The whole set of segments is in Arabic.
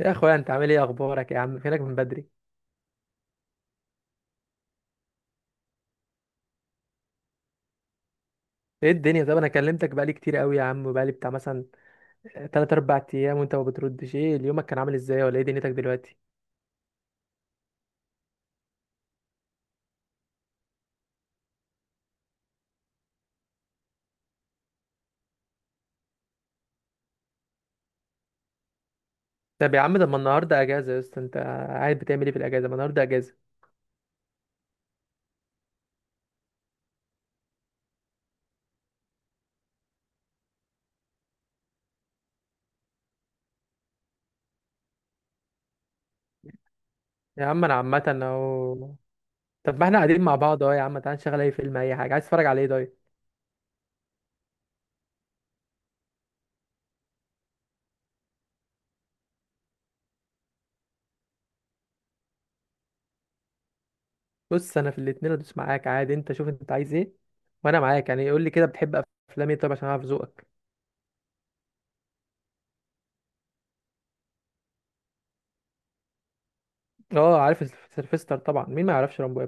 يا اخويا، انت عامل ايه؟ اخبارك يا عم؟ فينك من بدري؟ ايه الدنيا؟ طب انا كلمتك بقالي كتير قوي يا عم، بقالي بتاع مثلا 3 4 ايام وانت ما بتردش. ايه اليومك كان عامل ازاي؟ ولا ايه دنيتك دلوقتي؟ طب يا عم، ده ما النهارده اجازه يا اسطى. انت قاعد بتعمل ايه في الاجازه؟ ما النهارده اجازه. يا عم انا عامه اهو. طب ما احنا قاعدين مع بعض اهو، يا عم تعال نشغل اي فيلم اي حاجه. عايز تتفرج على ايه؟ طيب، بص، انا في الاتنين ادوس معاك عادي، انت شوف انت عايز ايه وانا معاك، يعني قول لي كده، بتحب افلام ايه؟ طب عشان اعرف ذوقك. اه عارف سيلفستر طبعا، مين ما يعرفش رامبو؟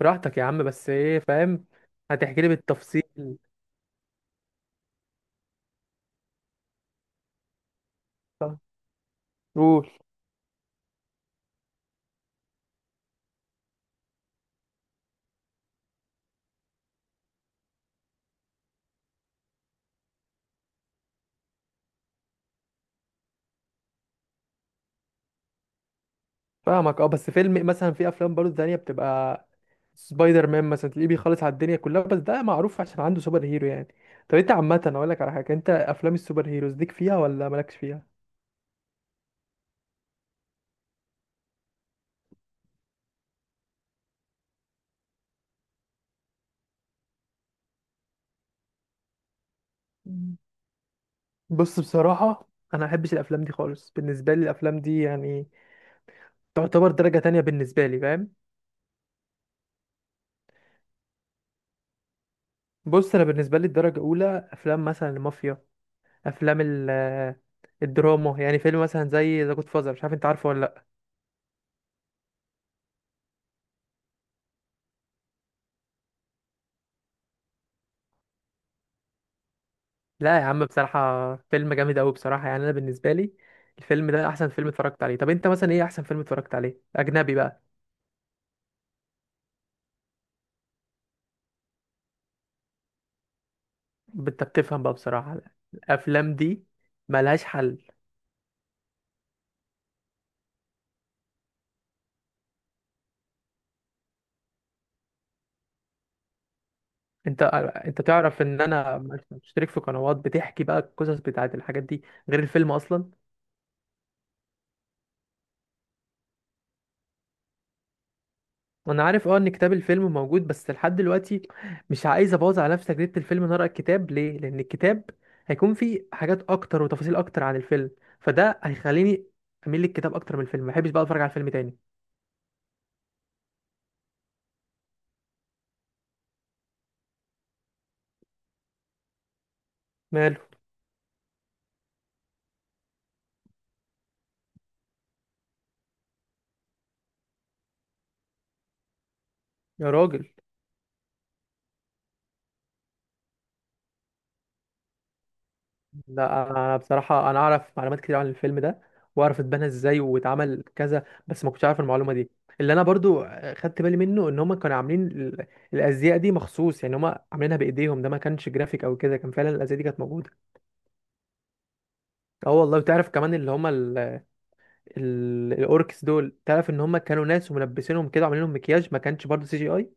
براحتك يا عم، بس ايه؟ فاهم. هتحكي لي بالتفصيل. ف- قول. فاهمك اه، بس فيلم مثلا، في افلام برضه تانية بتبقى سبايدر مان مثلا، تلاقيه بيخلص على الدنيا كلها، بس ده معروف عشان عنده سوبر هيرو يعني. طب انت عامة، اقول لك على حاجة، انت افلام السوبر هيروز ليك فيها ولا مالكش فيها؟ مم. بص بصراحة، انا ما احبش الافلام دي خالص، بالنسبة لي الافلام دي يعني تعتبر درجة تانية بالنسبة لي، فاهم. بص، انا بالنسبة لي الدرجة الاولى افلام مثلا المافيا، افلام ال الدراما يعني. فيلم مثلا زي ذا جود فازر، مش عارف انت عارفه ولا لا. لا يا عم بصراحه فيلم جامد قوي بصراحه يعني، انا بالنسبه لي الفيلم ده احسن فيلم اتفرجت عليه. طب انت مثلا ايه احسن فيلم اتفرجت عليه اجنبي بقى؟ انت بتفهم بقى بصراحه، الافلام دي ملهاش حل. انت انت تعرف ان انا مشترك في قنوات بتحكي بقى القصص بتاعت الحاجات دي، غير الفيلم اصلا. انا عارف اه ان كتاب الفيلم موجود، بس لحد دلوقتي مش عايز ابوظ على نفسي تجربة الفيلم إن أنا اقرا الكتاب. ليه؟ لان الكتاب هيكون فيه حاجات اكتر وتفاصيل اكتر عن الفيلم، فده هيخليني اميل للكتاب اكتر من الفيلم، ما بحبش بقى اتفرج على الفيلم تاني. ماله؟ يا راجل! لا انا بصراحة انا اعرف معلومات كتير عن الفيلم ده، واعرف اتبنى ازاي واتعمل كذا، بس ما كنتش عارف المعلومة دي. اللي انا برضو خدت بالي منه ان هم كانوا عاملين الازياء دي مخصوص، يعني هم عاملينها بايديهم، ده ما كانش جرافيك او كده، كان فعلا الازياء دي كانت موجودة. اه والله بتعرف كمان اللي هما الاوركس دول، تعرف ان هما كانوا ناس وملبسينهم كده وعاملين لهم مكياج، ما كانش برضه سي جي اي.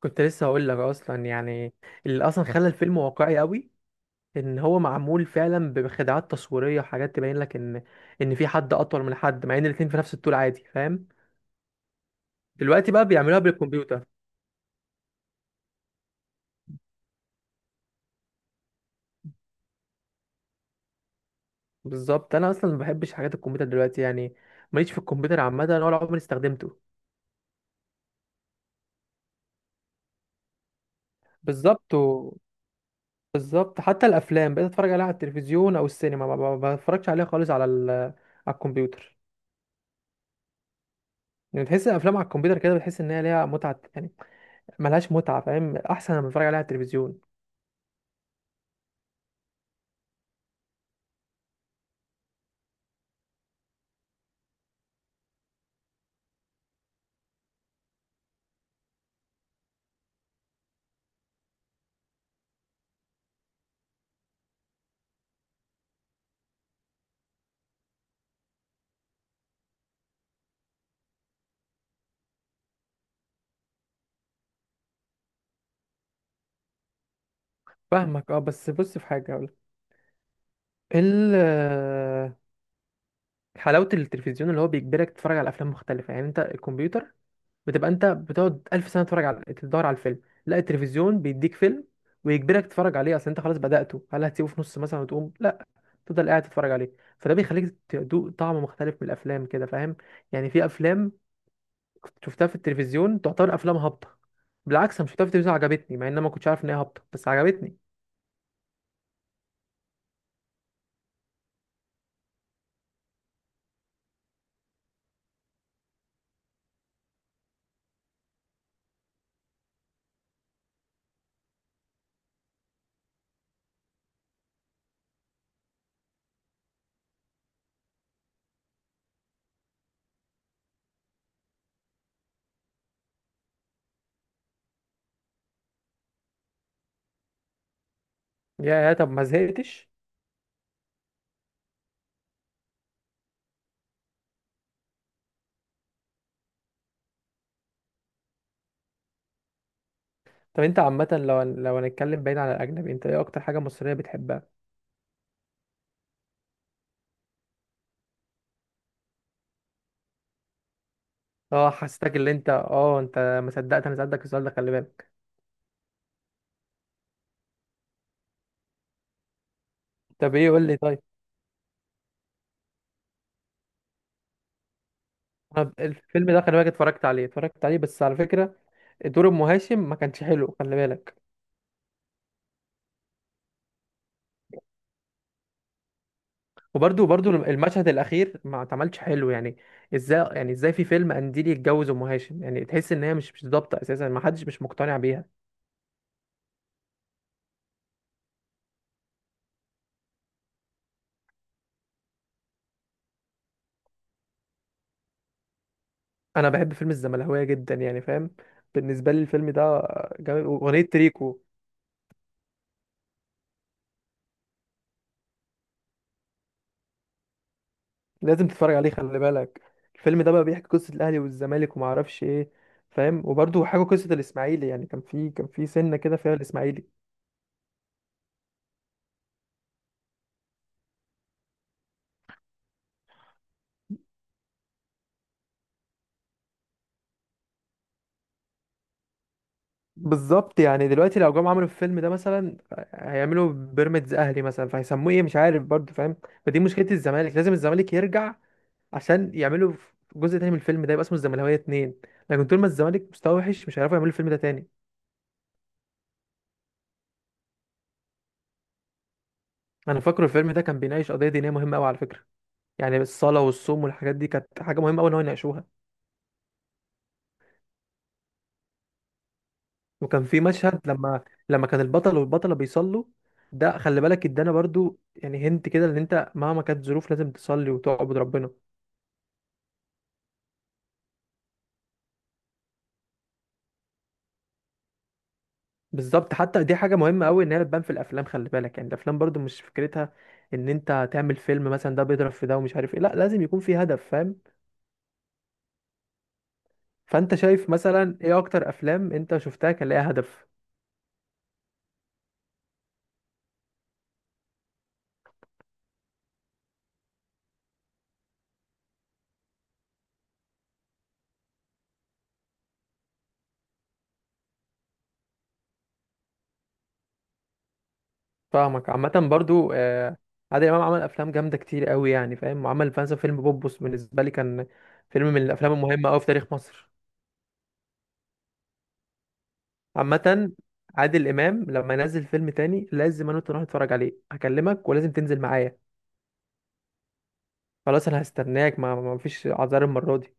كنت لسه هقول لك اصلا يعني، اللي اصلا خلى الفيلم واقعي قوي ان هو معمول فعلا بخدعات تصويريه وحاجات تبين لك ان في حد اطول من حد، مع ان الاتنين في نفس الطول عادي، فاهم. دلوقتي بقى بيعملوها بالكمبيوتر. بالظبط، انا اصلا ما بحبش حاجات الكمبيوتر دلوقتي يعني، ماليش في الكمبيوتر عامه ولا عمري استخدمته. بالظبط، بالظبط. حتى الافلام بقيت اتفرج عليها على التلفزيون او السينما، ما بتفرجش عليها خالص على الكمبيوتر. يعني تحس الافلام على الكمبيوتر كده، بتحس ان هي ليها متعه يعني، ملهاش متعه فاهم، احسن لما بتفرج عليها على التلفزيون. فاهمك اه، بس بص، في حاجه اقول، ال حلاوه التلفزيون اللي هو بيجبرك تتفرج على افلام مختلفه، يعني انت الكمبيوتر بتبقى انت بتقعد ألف سنه تتفرج على، تدور على الفيلم. لا التلفزيون بيديك فيلم ويجبرك تتفرج عليه، اصل انت خلاص بدأته، هل هتسيبه في نص مثلا وتقوم؟ تفضل قاعد تتفرج عليه، فده بيخليك تدوق طعم مختلف من الافلام كده، فاهم. يعني في افلام كنت شفتها في التلفزيون تعتبر افلام هابطه، بالعكس انا شفتها في التلفزيون عجبتني، مع ان انا ما كنتش عارف ان هي هابطه، بس عجبتني. يا طب ما زهقتش؟ طب انت عامه، لو هنتكلم بعيد عن الاجنبي، انت ايه اكتر حاجه مصريه بتحبها؟ اه حسيتك. اللي انت اه انت ما صدقت انا سالتك السؤال ده، خلي بالك. طب ايه؟ قول لي طيب. طب الفيلم ده خلي بالك، اتفرجت عليه، اتفرجت عليه، بس على فكره دور ام هاشم ما كانش حلو، خلي بالك. وبرده برده المشهد الاخير ما اتعملش حلو يعني. ازاي يعني؟ ازاي في فيلم قنديل يتجوز ام هاشم؟ يعني تحس ان هي مش ضابطه اساسا، ما حدش مش مقتنع بيها. انا بحب فيلم الزمهلاويه جدا يعني، فاهم. بالنسبه لي الفيلم ده جميل، واغنيه تريكو. لازم تتفرج عليه خلي بالك. الفيلم ده بقى بيحكي قصه الاهلي والزمالك وما اعرفش ايه، فاهم. وبرده حاجه قصه الاسماعيلي، يعني كان في سنه كده فيها الاسماعيلي. بالظبط، يعني دلوقتي لو جم عملوا الفيلم ده مثلا، هيعملوا بيراميدز اهلي مثلا، فهيسموه ايه، مش عارف برضه، فاهم. فدي مشكله، الزمالك لازم الزمالك يرجع عشان يعملوا جزء تاني من الفيلم ده يبقى اسمه الزملكاويه اتنين، لكن طول ما الزمالك مستواه وحش مش هيعرفوا يعملوا الفيلم ده تاني. انا فاكره الفيلم ده كان بيناقش قضيه دينيه مهمه قوي على فكره، يعني الصلاه والصوم والحاجات دي كانت حاجه مهمه قوي ان هو يناقشوها. وكان في مشهد، لما كان البطل والبطله بيصلوا، ده خلي بالك ادانا برضو يعني، هنت كده ان انت مهما كانت ظروف لازم تصلي وتعبد ربنا. بالظبط، حتى دي حاجة مهمة قوي ان هي بتبان في الافلام، خلي بالك. يعني الافلام برضو مش فكرتها ان انت تعمل فيلم مثلا ده بيضرب في ده ومش عارف ايه، لا لازم يكون في هدف، فاهم. فانت شايف مثلا ايه اكتر افلام انت شفتها كان ليها هدف؟ فاهمك، عامة برضو آه. عادل امام عمل افلام جامدة كتير قوي يعني، فاهم. وعمل مثلا فيلم بوبوس، بالنسبة لي كان فيلم من الافلام المهمة قوي في تاريخ مصر. عامة عادل امام لما ينزل فيلم تاني لازم انا وانت نروح نتفرج عليه، هكلمك ولازم تنزل معايا. خلاص انا هستناك، ما فيش اعذار المرة دي.